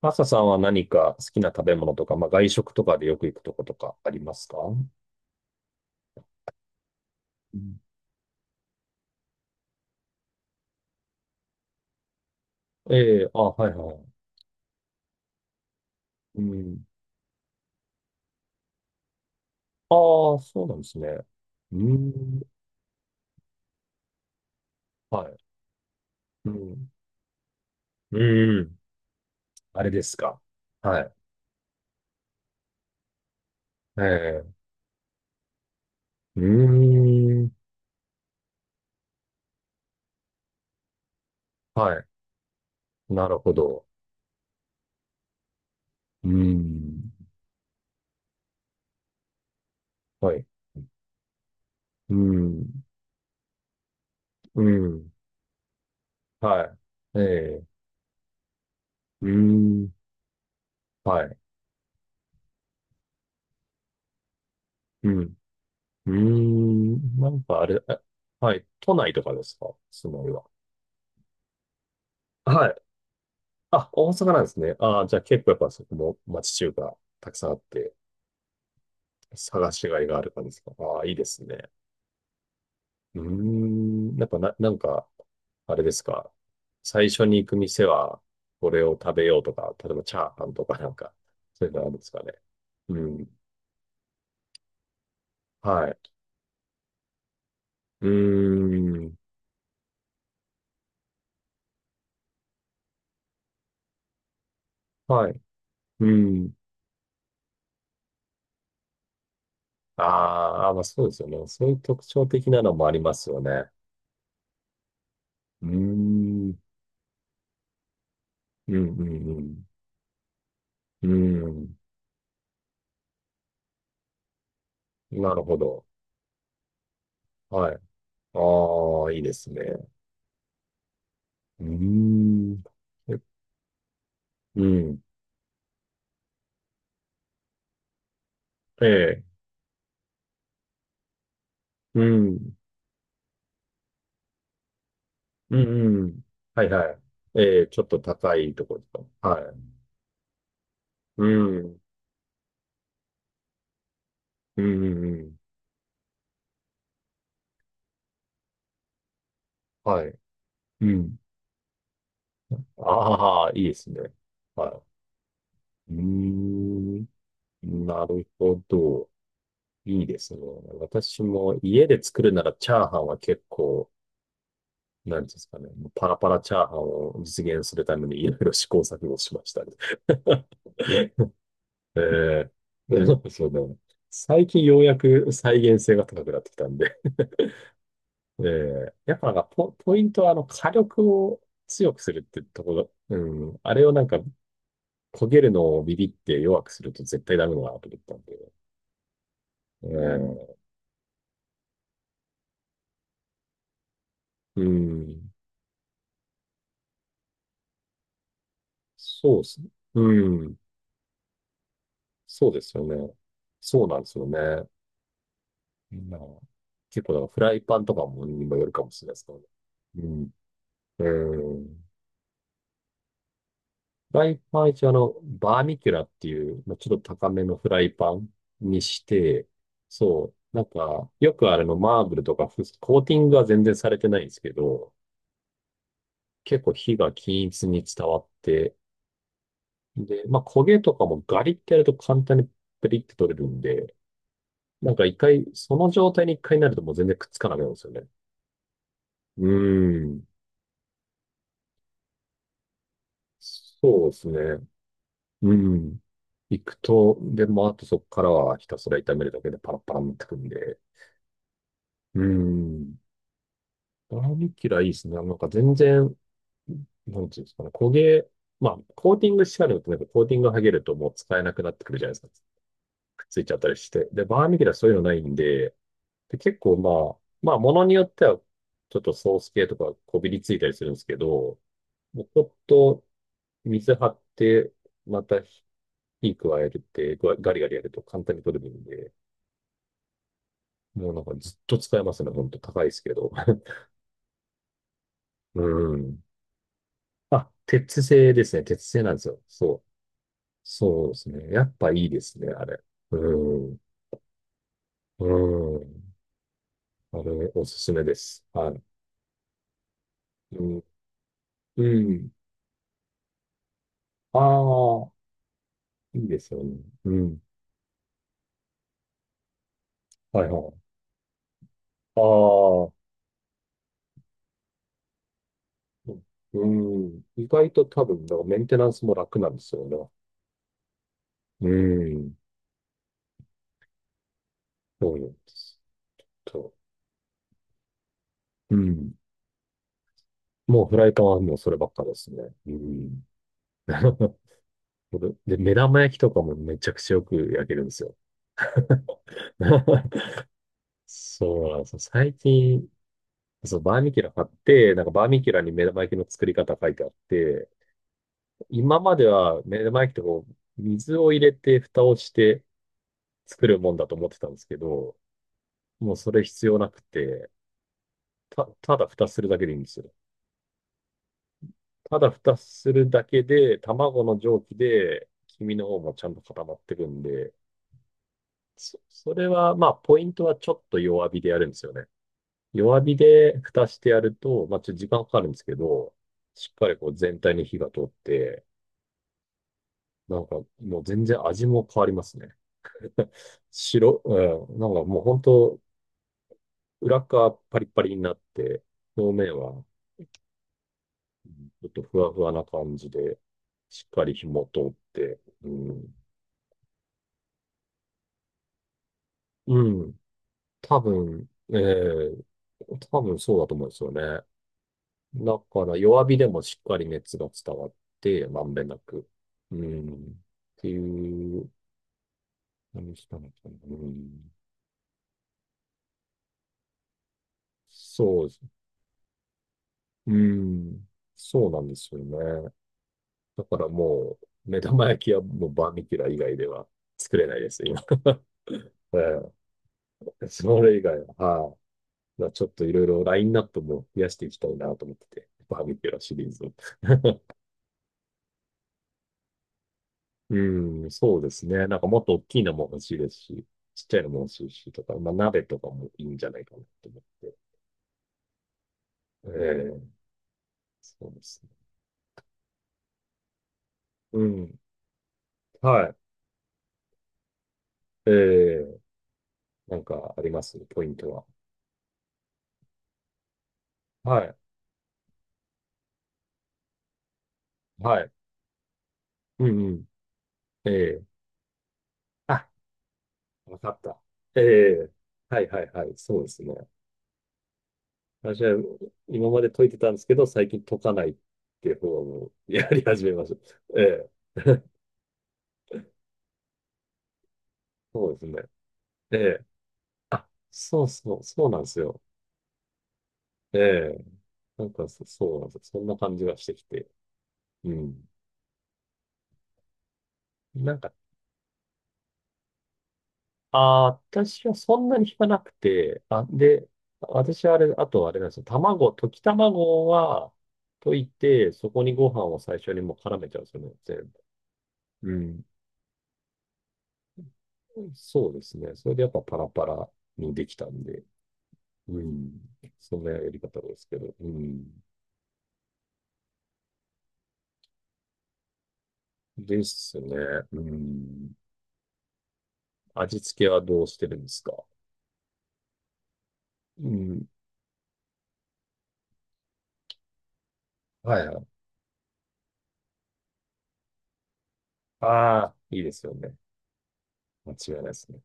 マサさんは何か好きな食べ物とか、まあ、外食とかでよく行くとことかありますか？うん。ええ、あ、はいはい。うん。ああ、そうなんですね。うん。はい。うん。うん。あれですか。はい。ええ。うん。はい。なるほど。うん。はい。うん。うん。はい。ええ。うん。はい。うん。うん。なんかあれ、え。はい。都内とかですか、その要は。はい。あ、大阪なんですね。ああ、じゃあ結構やっぱそこも町中華たくさんあって、探しがいがある感じですか？ああ、いいですね。うーん、やっぱな、なんか、あれですか。最初に行く店は、これを食べようとか、例えばチャーハンとかなんか、そういうのあるんですかね。うん。はい。うーん。はい。うん。ああ、まあそうですよね。そういう特徴的なのもありますよね。うーん。うん、うん、うん。うん。なるほど。はい。ああ、いいですね。うーん。え、うん。ええ。うん。うん、うん。はいはい。ええ、ちょっと高いところとか。はい。うん。うん、うん、うん。はい。うん。ああ、いいですね。はい。うーん。なるほど。いいですね。私も家で作るならチャーハンは結構、なんていうんですかね。パラパラチャーハンを実現するためにいろいろ試行錯誤しましたね。ええ、でもそうだね。最近ようやく再現性が高くなってきたんで、ええ、やっぱなんかポイントはあの火力を強くするってところ、うん、あれをなんか焦げるのをビビって弱くすると絶対ダメだなと思ったんで、ええ。うん、そうですね。うん、そうですよね。そうなんですよね。うん、結構だからフライパンとかもにもよるかもしれないですけどね。うん、うん。フライパン一応あの、バーミキュラっていう、まあ、ちょっと高めのフライパンにして、そう、なんか、よくあれのマーブルとかコーティングは全然されてないんですけど、結構火が均一に伝わって、で、まあ焦げとかもガリってやると簡単にペリって取れるんで、なんか一回、その状態に一回になるともう全然くっつかなくなるんですよね。うーん、そうですね。うん。行くと、で、もあとそこからはひたすら炒めるだけでパラパラになってくんで、うん。バーミキュラいいですね。なんか全然、なんていうんですかね、焦げ、まあ、コーティングしてあるのと、なんかコーティング剥げるともう使えなくなってくるじゃないですか。くっついちゃったりして。で、バーミキュラそういうのないんで、で、結構まあ、ものによっては、ちょっとソース系とかこびりついたりするんですけど、もうちょっと水張って、また火加えて、ガガリガリやると簡単に取れるんで、もうなんかずっと使えますね。ほんと高いですけど。うん。あ、鉄製ですね。鉄製なんですよ。そう。そうですね。やっぱいいですね、あれ。うん。うん。あれ、おすすめです。はい。うん。うん。ああ、いいですよね。うん。はいはい。ああ、うん。意外と多分、だからメンテナンスも楽なんですよね。うん。そうなんです。と、うん。もうフライパンはもうそればっかですね。うん。で、目玉焼きとかもめちゃくちゃよく焼けるんですよ。そうなんですよ。最近、そう、バーミキュラ買って、なんかバーミキュラに目玉焼きの作り方書いてあって、今までは目玉焼きってこう、水を入れて蓋をして作るもんだと思ってたんですけど、もうそれ必要なくて、ただ蓋するだけでいいんですよ。ただ蓋するだけで、卵の蒸気で、黄身の方もちゃんと固まってくんで、それは、まあ、ポイントはちょっと弱火でやるんですよね。弱火で蓋してやると、まあ、ちょっと時間かかるんですけど、しっかりこう全体に火が通って、なんかもう全然味も変わりますね。うん、なんかもう本当、裏側パリパリになって、表面はちょっとふわふわな感じで、しっかり火も通って、うん、うん、多分、ええ、多分そうだと思うんですよね。だから弱火でもしっかり熱が伝わって、まんべんなく。うん。っていう何したのかな。うん。そうです。うん。そうなんですよね。だからもう、目玉焼きはもうバーミキュラ以外では作れないです、今。ええ、それ以外は、はい。まあちょっといろいろラインナップも増やしていきたいなと思ってて、バーミキュラシリーズを。うん、そうですね。なんかもっと大きいのも欲しいですし、ちっちゃいのも欲しいしとか、まあ鍋とかもいいんじゃないかなと思って。ええ。そうですね。うん。はい。ええ、なんかありますポイントは？はい。はい。うんうん。ええ。あ、わかった。ええ。はいはいはい。そうですね。私は今まで解いてたんですけど、最近解かないっていう方をやり始めました。ええ。そうですね。ええ。あ、そうそう、そうなんですよ。ええ。なんかそうなんですよ。そんな感じがしてきて。うん。なんか、ああ、私はそんなに引かなくて、あ、で、私はあれ、あとあれなんですよ。卵、溶き卵は溶いて、そこにご飯を最初にもう絡めちゃうんですよね、全部。うん。そうですね。それでやっぱパラパラにできたんで、うん。そんなやり方ですけど、うん。ですね。うん。味付けはどうしてるんですか？うん。はいはい。ああ、いいですよね。間違いないですね。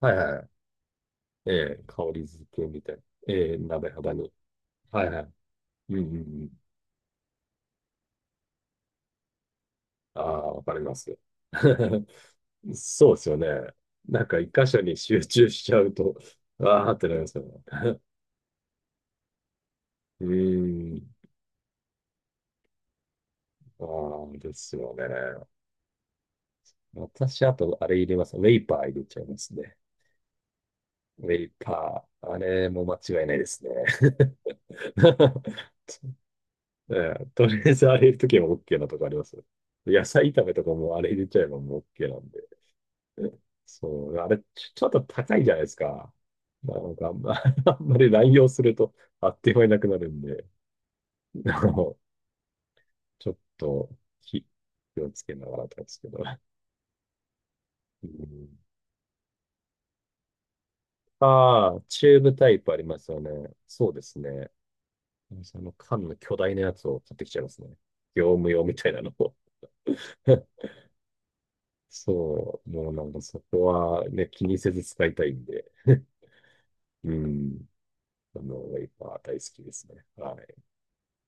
はいはい。ええ、香り付けみたいな。ええ、鍋肌に。はいはい。うんうんうん。ああ、わかります。そうですよね。なんか一箇所に集中しちゃうと、ああってなりますよね。うーん。ああ、ですよね。私、あと、あれ入れます。ウェイパー入れちゃいますね。ウェイパー。あれも間違いないですね。ええ、とりあえずあれ入れるときは OK なとこあります。野菜炒めとかもあれ入れちゃえばもう OK なんで。そう、あれ、ちょっと高いじゃないですか。なんか、あんま あんまり乱用すると、あっという間になくなるんで、あの、ちょっと、気気をつけながらなんですけど。うん、ああ、チューブタイプありますよね。そうですね。その缶の巨大なやつを買ってきちゃいますね。業務用みたいなのを。そう、もうなんかそこはね、気にせず使いたいんで。うん、あの、ワイパー大好きですね。はい。